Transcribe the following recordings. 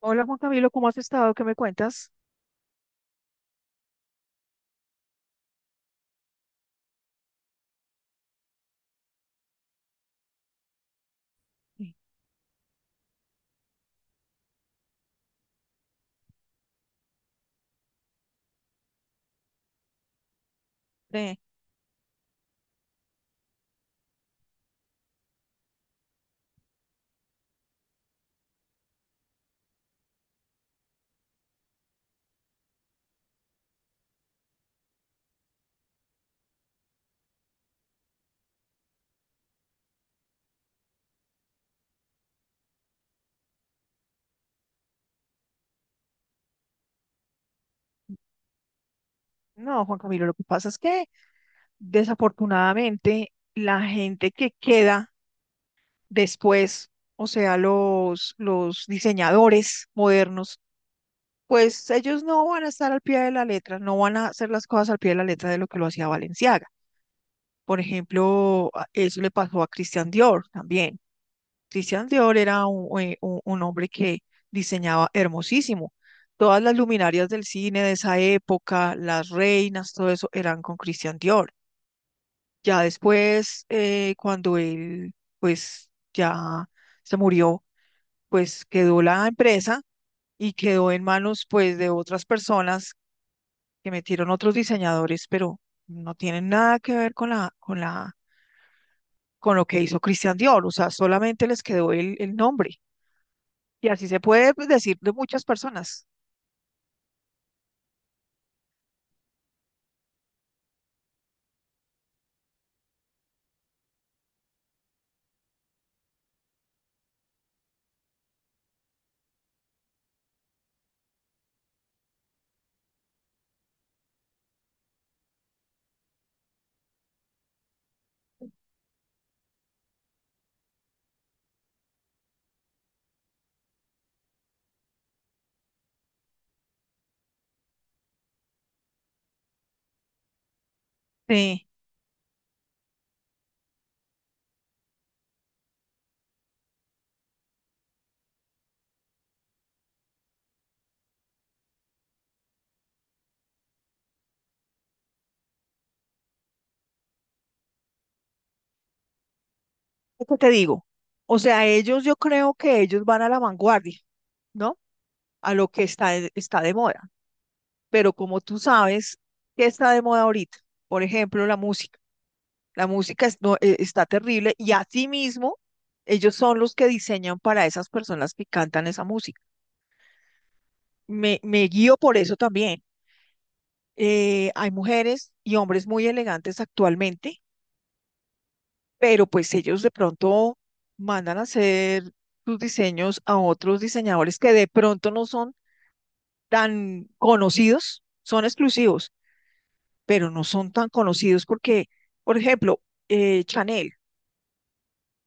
Hola Juan Camilo, ¿cómo has estado? ¿Qué me cuentas? Sí. Ve. No, Juan Camilo, lo que pasa es que desafortunadamente la gente que queda después, o sea, los diseñadores modernos, pues ellos no van a estar al pie de la letra, no van a hacer las cosas al pie de la letra de lo que lo hacía Valenciaga. Por ejemplo, eso le pasó a Christian Dior también. Christian Dior era un hombre que diseñaba hermosísimo. Todas las luminarias del cine de esa época, las reinas, todo eso eran con Christian Dior. Ya después, cuando él, pues, ya se murió, pues quedó la empresa y quedó en manos, pues, de otras personas que metieron otros diseñadores, pero no tienen nada que ver con con lo que hizo Christian Dior. O sea, solamente les quedó el nombre. Y así se puede, pues, decir de muchas personas. Sí, es que te digo. O sea, ellos, yo creo que ellos van a la vanguardia, ¿no? A lo que está, está de moda. Pero como tú sabes, ¿qué está de moda ahorita? Por ejemplo, la música. La música no, está terrible y asimismo, ellos son los que diseñan para esas personas que cantan esa música. Me guío por eso también. Hay mujeres y hombres muy elegantes actualmente, pero pues ellos de pronto mandan a hacer sus diseños a otros diseñadores que de pronto no son tan conocidos, son exclusivos, pero no son tan conocidos porque, por ejemplo, Chanel,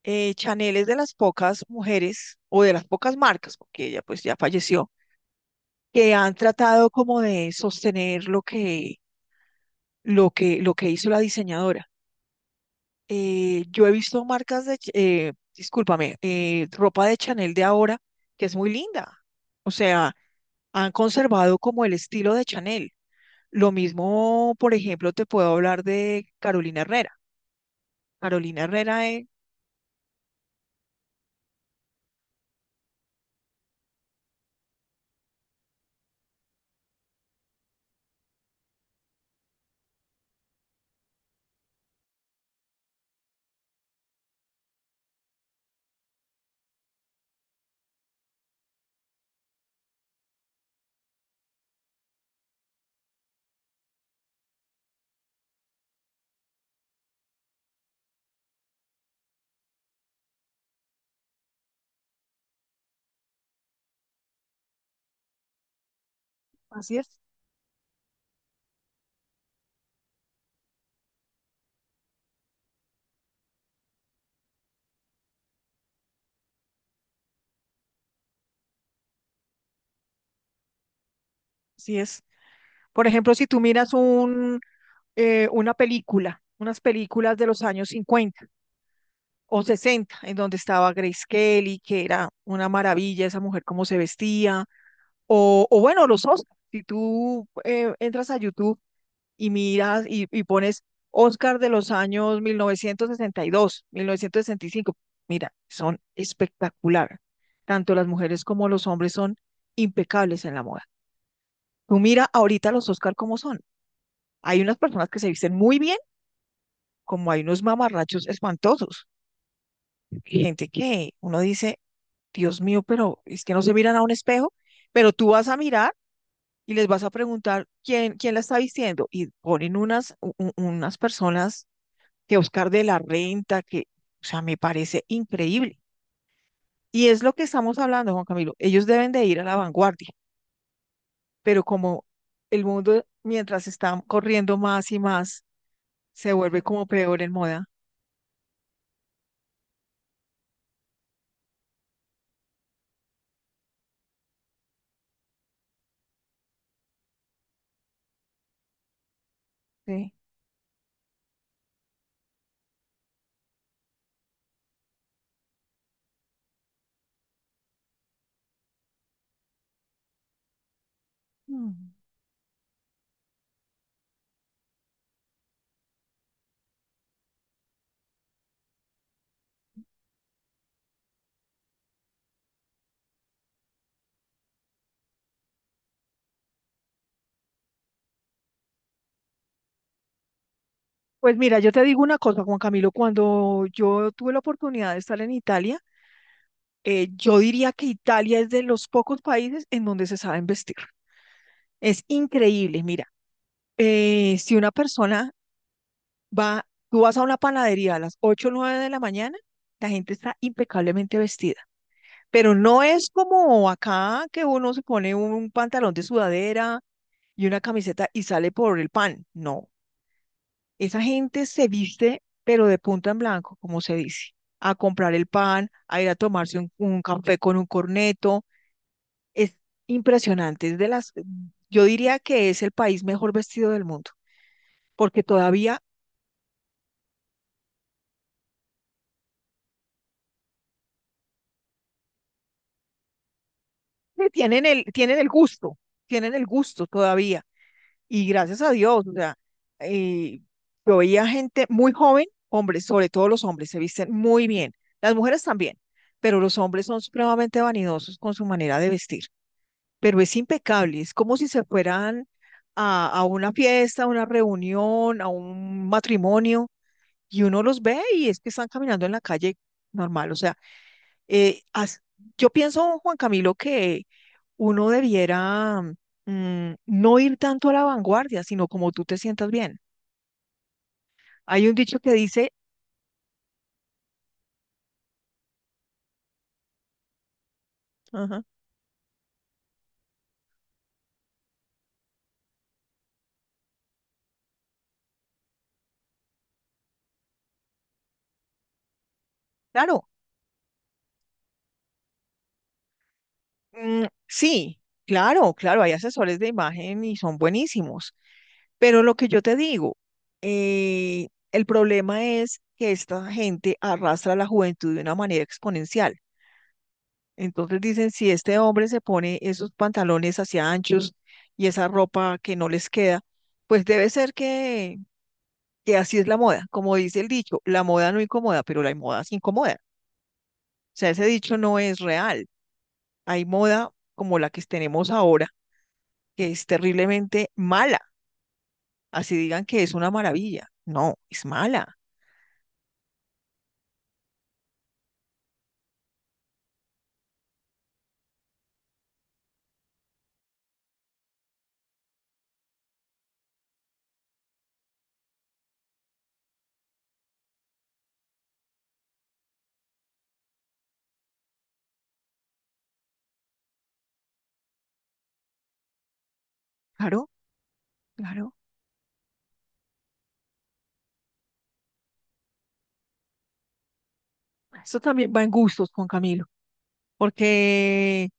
Chanel es de las pocas mujeres o de las pocas marcas, porque ella pues ya falleció, que han tratado como de sostener lo que hizo la diseñadora. Yo he visto marcas de, discúlpame, ropa de Chanel de ahora, que es muy linda. O sea, han conservado como el estilo de Chanel. Lo mismo, por ejemplo, te puedo hablar de Carolina Herrera. Carolina Herrera, así es, así es. Por ejemplo, si tú miras una película, unas películas de los años 50 o 60, en donde estaba Grace Kelly, que era una maravilla esa mujer, cómo se vestía. O bueno, los Oscars. Si tú, entras a YouTube y miras y pones Oscar de los años 1962, 1965, mira, son espectacular. Tanto las mujeres como los hombres son impecables en la moda. Tú mira ahorita los Oscar cómo son. Hay unas personas que se visten muy bien, como hay unos mamarrachos espantosos. Gente que uno dice, Dios mío, pero es que no se miran a un espejo, pero tú vas a mirar y les vas a preguntar quién, quién la está vistiendo y ponen unas, unas personas que Oscar de la Renta, que, o sea, me parece increíble. Y es lo que estamos hablando, Juan Camilo. Ellos deben de ir a la vanguardia, pero como el mundo, mientras está corriendo más y más, se vuelve como peor en moda. ¿Sí? Mm. Pues mira, yo te digo una cosa, Juan Camilo, cuando yo tuve la oportunidad de estar en Italia, yo diría que Italia es de los pocos países en donde se saben vestir. Es increíble, mira, si una persona va, tú vas a una panadería a las 8 o 9 de la mañana, la gente está impecablemente vestida, pero no es como acá que uno se pone un pantalón de sudadera y una camiseta y sale por el pan, no, esa gente se viste, pero de punta en blanco, como se dice, a comprar el pan, a ir a tomarse un café con un corneto, es impresionante, es de las, yo diría que es el país mejor vestido del mundo. Porque todavía tienen el, tienen el gusto, tienen el gusto todavía. Y gracias a Dios, o sea, eh, yo veía gente muy joven, hombres, sobre todo los hombres, se visten muy bien, las mujeres también, pero los hombres son supremamente vanidosos con su manera de vestir, pero es impecable, es como si se fueran a una fiesta, a una reunión, a un matrimonio, y uno los ve y es que están caminando en la calle normal, o sea, eh, as- yo pienso, Juan Camilo, que uno debiera, mm, no ir tanto a la vanguardia, sino como tú te sientas bien. Hay un dicho que dice, ajá. Claro, mm, sí, claro, claro, hay asesores de imagen y son buenísimos, pero lo que yo te digo, el problema es que esta gente arrastra a la juventud de una manera exponencial. Entonces dicen, si este hombre se pone esos pantalones hacia anchos y esa ropa que no les queda, pues debe ser que así es la moda. Como dice el dicho, la moda no incomoda, pero la moda sí incomoda. O sea, ese dicho no es real. Hay moda como la que tenemos ahora, que es terriblemente mala. Así digan que es una maravilla. No, es mala. Claro, claro. Esto también va en gustos, Juan Camilo, porque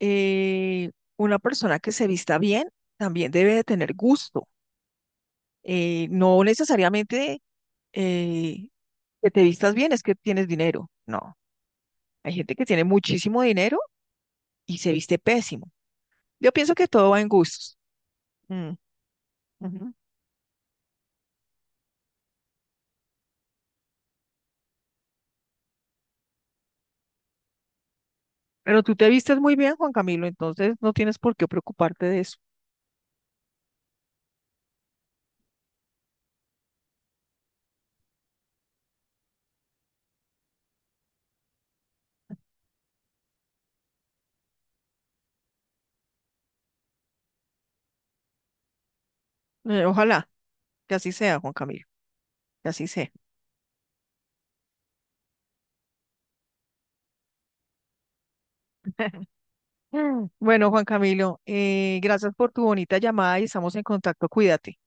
eh, una persona que se vista bien también debe de tener gusto. No necesariamente eh, que te vistas bien es que tienes dinero. No, hay gente que tiene muchísimo dinero y se viste pésimo. Yo pienso que todo va en gustos. Mm, ujú. Pero tú te vistes muy bien, Juan Camilo, entonces no tienes por qué preocuparte de eso. Ojalá que así sea, Juan Camilo, que así sea. Mm. Bueno, Juan Camilo, gracias por tu bonita llamada y estamos en contacto. Cuídate.